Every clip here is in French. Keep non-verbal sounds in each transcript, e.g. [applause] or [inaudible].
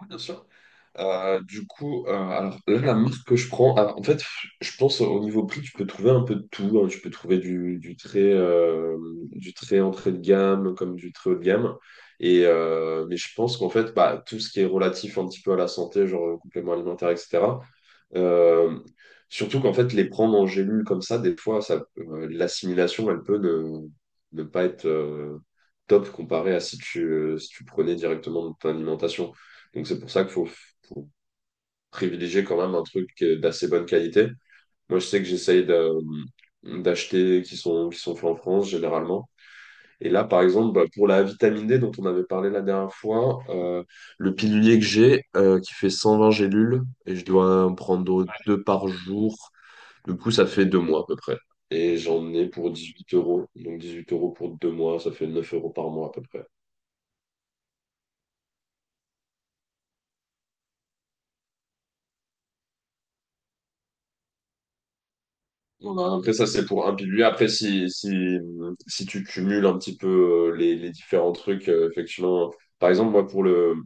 Ouais, bien sûr. Alors là, la marque que je prends, alors, en fait, je pense au niveau prix, tu peux trouver un peu de tout, hein. Tu peux trouver du très, du très entrée de gamme comme du très haut de gamme. Mais je pense qu'en fait, bah, tout ce qui est relatif un petit peu à la santé, genre compléments alimentaires, etc. euh, Surtout qu'en fait, les prendre en gélule comme ça, des fois, ça, l'assimilation, elle peut ne pas être top comparée à si tu, si tu prenais directement dans ton alimentation. Donc c'est pour ça qu'il faut privilégier quand même un truc d'assez bonne qualité. Moi, je sais que j'essaye d'acheter qui sont faits en France généralement. Et là, par exemple, bah, pour la vitamine D dont on avait parlé la dernière fois, le pilulier que j'ai qui fait 120 gélules et je dois en prendre deux par jour. Du coup, ça fait 2 mois à peu près. Et j'en ai pour 18 euros. Donc 18 € pour 2 mois, ça fait 9 € par mois à peu près. Voilà. Après, ça, c'est pour un pilier. Après, si tu cumules un petit peu les différents trucs, effectivement, par exemple, moi, pour le,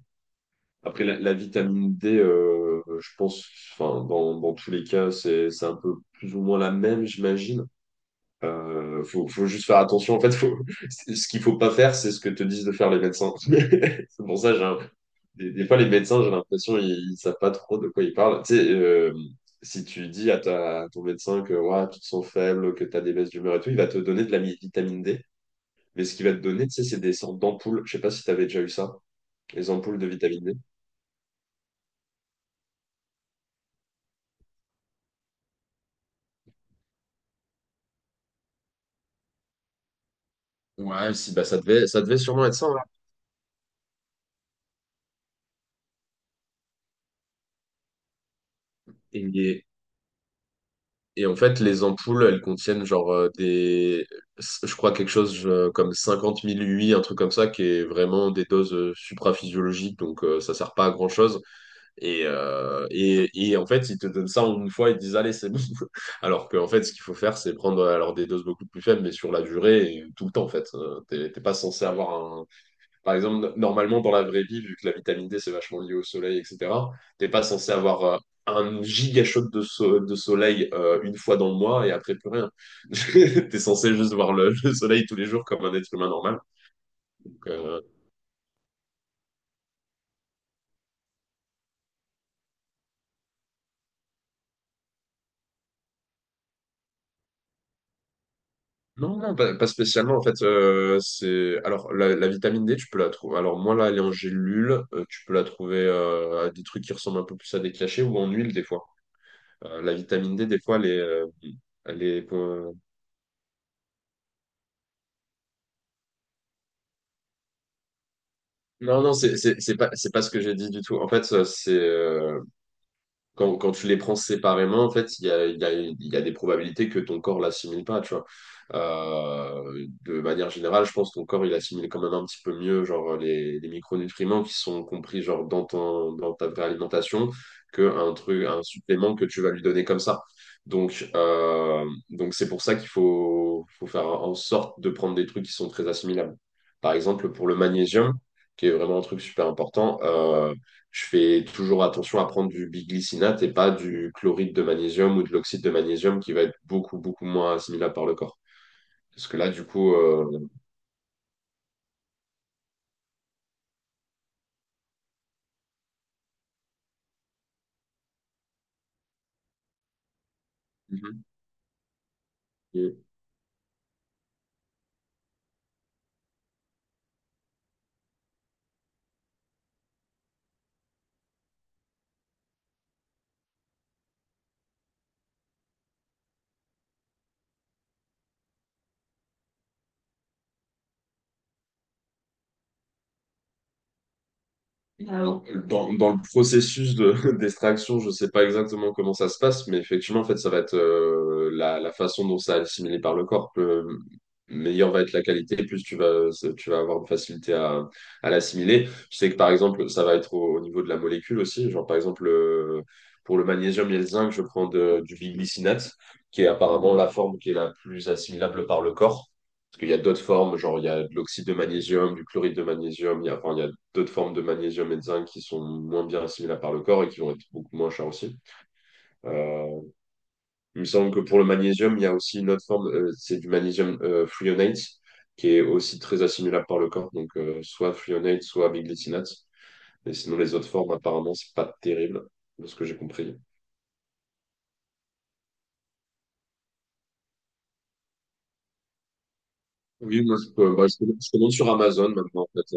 après, la vitamine D, enfin, dans tous les cas, c'est un peu plus ou moins la même, j'imagine. Faut juste faire attention. En fait, faut, [laughs] ce qu'il faut pas faire, c'est ce que te disent de faire les médecins. [laughs] C'est pour ça, des fois, les médecins, j'ai l'impression, ils savent pas trop de quoi ils parlent. Tu sais, si tu dis à ton médecin que ouais, tu te sens faible, que tu as des baisses d'humeur et tout, il va te donner de la vitamine D. Mais ce qu'il va te donner, tu sais, c'est des sortes d'ampoules. Je sais pas si tu avais déjà eu ça, les ampoules de vitamine D. Ouais, si, bah, ça devait sûrement être ça, hein. Et, et en fait, les ampoules, elles contiennent genre je crois quelque chose comme 50 000 UI, un truc comme ça, qui est vraiment des doses supraphysiologiques, donc ça sert pas à grand-chose. Et en fait, ils te donnent ça en une fois, ils te disent, allez, c'est bon. [laughs] Alors qu'en fait, ce qu'il faut faire, c'est prendre alors des doses beaucoup plus faibles, mais sur la durée, et tout le temps, en fait. T'es pas censé avoir un. Par exemple, normalement, dans la vraie vie, vu que la vitamine D, c'est vachement lié au soleil, etc., t'es pas censé avoir un giga shot de soleil une fois dans le mois et après plus rien. [laughs] T'es censé juste voir le soleil tous les jours comme un être humain normal. Donc, euh, Non, non, pas spécialement. En fait, c'est alors la vitamine D, tu peux la trouver. Alors moi là, elle est en gélule. Tu peux la trouver à des trucs qui ressemblent un peu plus à des cachets ou en huile des fois. La vitamine D, des fois, elle est. Non, non, c'est pas ce que j'ai dit du tout. En fait, c'est Quand, Quand tu les prends séparément, en fait, il y a des probabilités que ton corps l'assimile pas, tu vois. De manière générale, je pense que ton corps, il assimile quand même un petit peu mieux, genre, les micronutriments qui sont compris, genre, dans ta vraie alimentation, qu'un truc, un supplément que tu vas lui donner comme ça. Donc, euh, donc c'est pour ça qu'il faut faire en sorte de prendre des trucs qui sont très assimilables. Par exemple, pour le magnésium, qui est vraiment un truc super important. Je fais toujours attention à prendre du biglycinate et pas du chloride de magnésium ou de l'oxyde de magnésium qui va être beaucoup moins assimilable par le corps. Parce que là, du coup, Mhm. Alors, dans, dans le processus de [laughs] d'extraction, je ne sais pas exactement comment ça se passe, mais effectivement, en fait, ça va être la façon dont ça est assimilé par le corps. Le meilleure va être la qualité, plus tu vas avoir de facilité à l'assimiler. Je sais que, par exemple, ça va être au niveau de la molécule aussi. Genre, par exemple, pour le magnésium et le zinc, je prends du biglycinate, qui est apparemment la forme qui est la plus assimilable par le corps. Parce qu'il y a d'autres formes, genre il y a de l'oxyde de magnésium, du chloride de magnésium, il y a d'autres formes de magnésium et de zinc qui sont moins bien assimilables par le corps et qui vont être beaucoup moins chers aussi. Euh, il me semble que pour le magnésium, il y a aussi une autre forme, c'est du magnésium threonate, qui est aussi très assimilable par le corps, donc soit threonate, soit biglycinate. Et sinon, les autres formes, apparemment, c'est pas terrible, de ce que j'ai compris. Oui, moi, bah, je commande sur Amazon maintenant, en fait.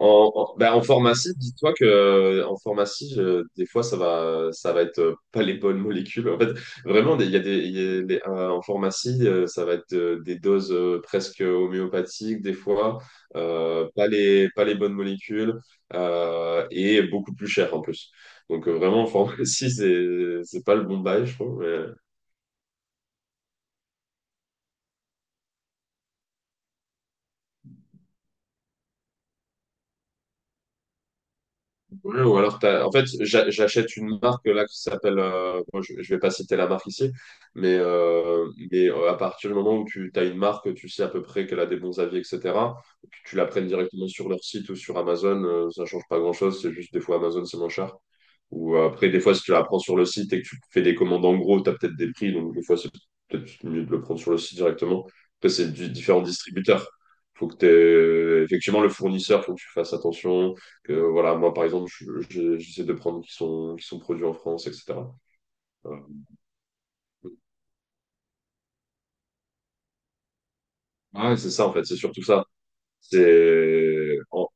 En pharmacie, dis-toi que des fois, ça va être pas les bonnes molécules. En fait, vraiment, des- il y a des, il y a des- en pharmacie, ça va être des doses presque homéopathiques, des fois, pas les bonnes molécules, et beaucoup plus cher en plus. Vraiment, en pharmacie, [laughs] c'est pas le bon bail, je trouve. Ouais, ou alors, j'achète une marque là qui s'appelle, je vais pas citer la marque ici, mais à partir du moment où tu as une marque, tu sais à peu près qu'elle a des bons avis, etc. Que tu la prennes directement sur leur site ou sur Amazon, ça change pas grand-chose, c'est juste des fois Amazon c'est moins cher. Des fois, si tu l'apprends sur le site et que tu fais des commandes en gros, tu as peut-être des prix. Donc, des fois, c'est peut-être mieux de le prendre sur le site directement. Après, c'est du différents distributeurs. Effectivement, le fournisseur, faut que tu fasses attention. Que, voilà, moi, par exemple, j'essaie de prendre qui sont produits en France, etc. Voilà. Ouais, c'est ça, en fait. C'est surtout ça. C'est, en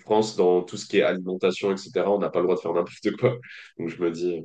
France, dans tout ce qui est alimentation, etc., on n'a pas le droit de faire n'importe quoi. Donc, je me dis,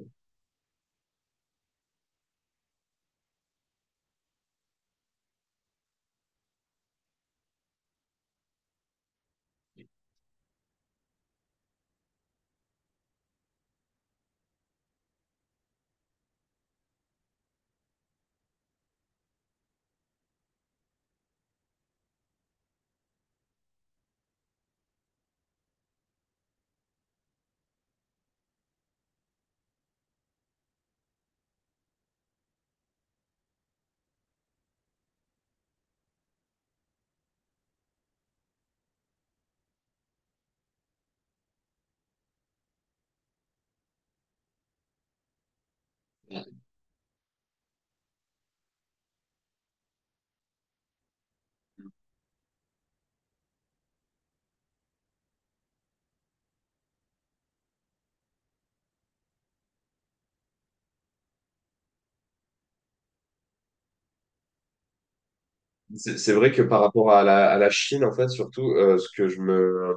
c'est vrai que par rapport à à la Chine, en fait, surtout, euh, ce que je me,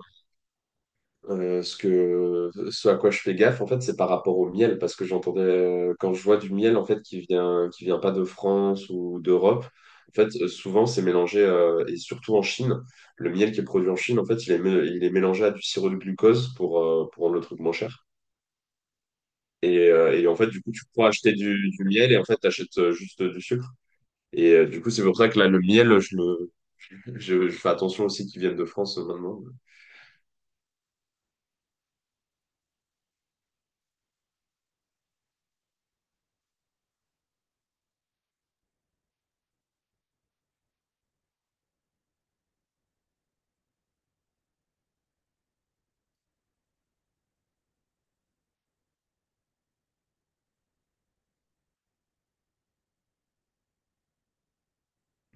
Euh, ce que, ce à quoi je fais gaffe, en fait, c'est par rapport au miel, parce que j'entendais, quand je vois du miel, en fait, qui vient pas de France ou d'Europe, en fait, souvent, c'est mélangé, et surtout en Chine, le miel qui est produit en Chine, en fait, il est, il est mélangé à du sirop de glucose pour rendre le truc moins cher. Et en fait, du coup, tu pourras acheter du miel et en fait, t'achètes juste du sucre. Du coup, c'est pour ça que là, le miel, [laughs] je fais attention aussi qu'il vienne de France maintenant.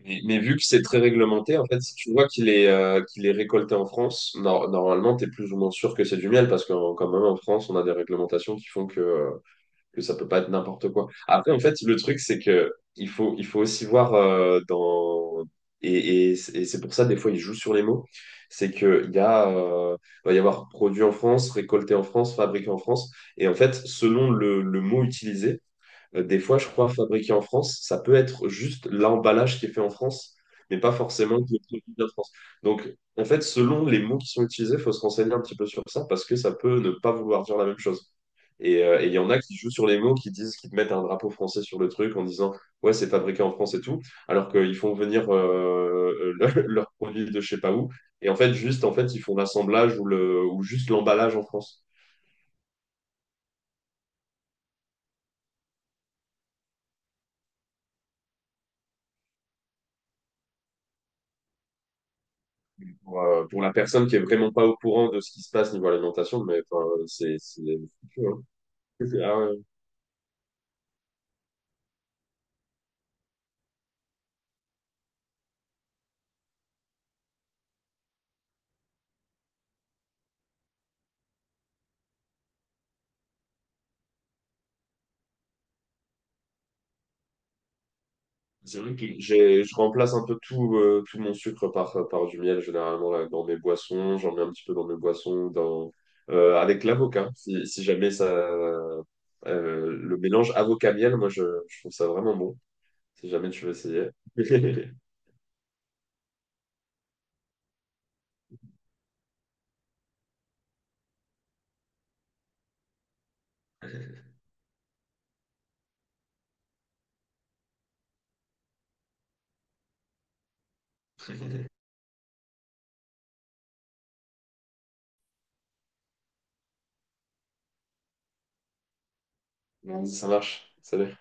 Mais vu que c'est très réglementé, en fait, si tu vois qu'il est récolté en France, normalement, tu es plus ou moins sûr que c'est du miel, parce que quand même en France, on a des réglementations qui font que ça peut pas être n'importe quoi. Après, en fait, le truc, c'est que il faut aussi voir dans. Et c'est pour ça, des fois, ils jouent sur les mots. C'est qu'il y a, il va y avoir produit en France, récolté en France, fabriqué en France. Et en fait, selon le mot utilisé, des fois, je crois, fabriqué en France, ça peut être juste l'emballage qui est fait en France, mais pas forcément que le produit vient de France. Donc, en fait, selon les mots qui sont utilisés, il faut se renseigner un petit peu sur ça parce que ça peut ne pas vouloir dire la même chose. Et il y en a qui jouent sur les mots, qui disent, qui te mettent un drapeau français sur le truc en disant, ouais, c'est fabriqué en France et tout, alors qu'ils font venir [laughs] leurs produits de je sais pas où. Et en fait, juste, en fait, ils font l'assemblage ou, juste l'emballage en France. Pour, pour la personne qui est vraiment pas au courant de ce qui se passe niveau alimentation, mais enfin, c'est fou, hein. C'est ah ouais. C'est vrai que j'ai je remplace un peu tout tout mon sucre par du miel généralement là, dans mes boissons, j'en mets un petit peu dans mes boissons, dans avec l'avocat. Si jamais ça le mélange avocat miel, je trouve ça vraiment bon. Si jamais tu veux essayer, [laughs] ça marche. Salut.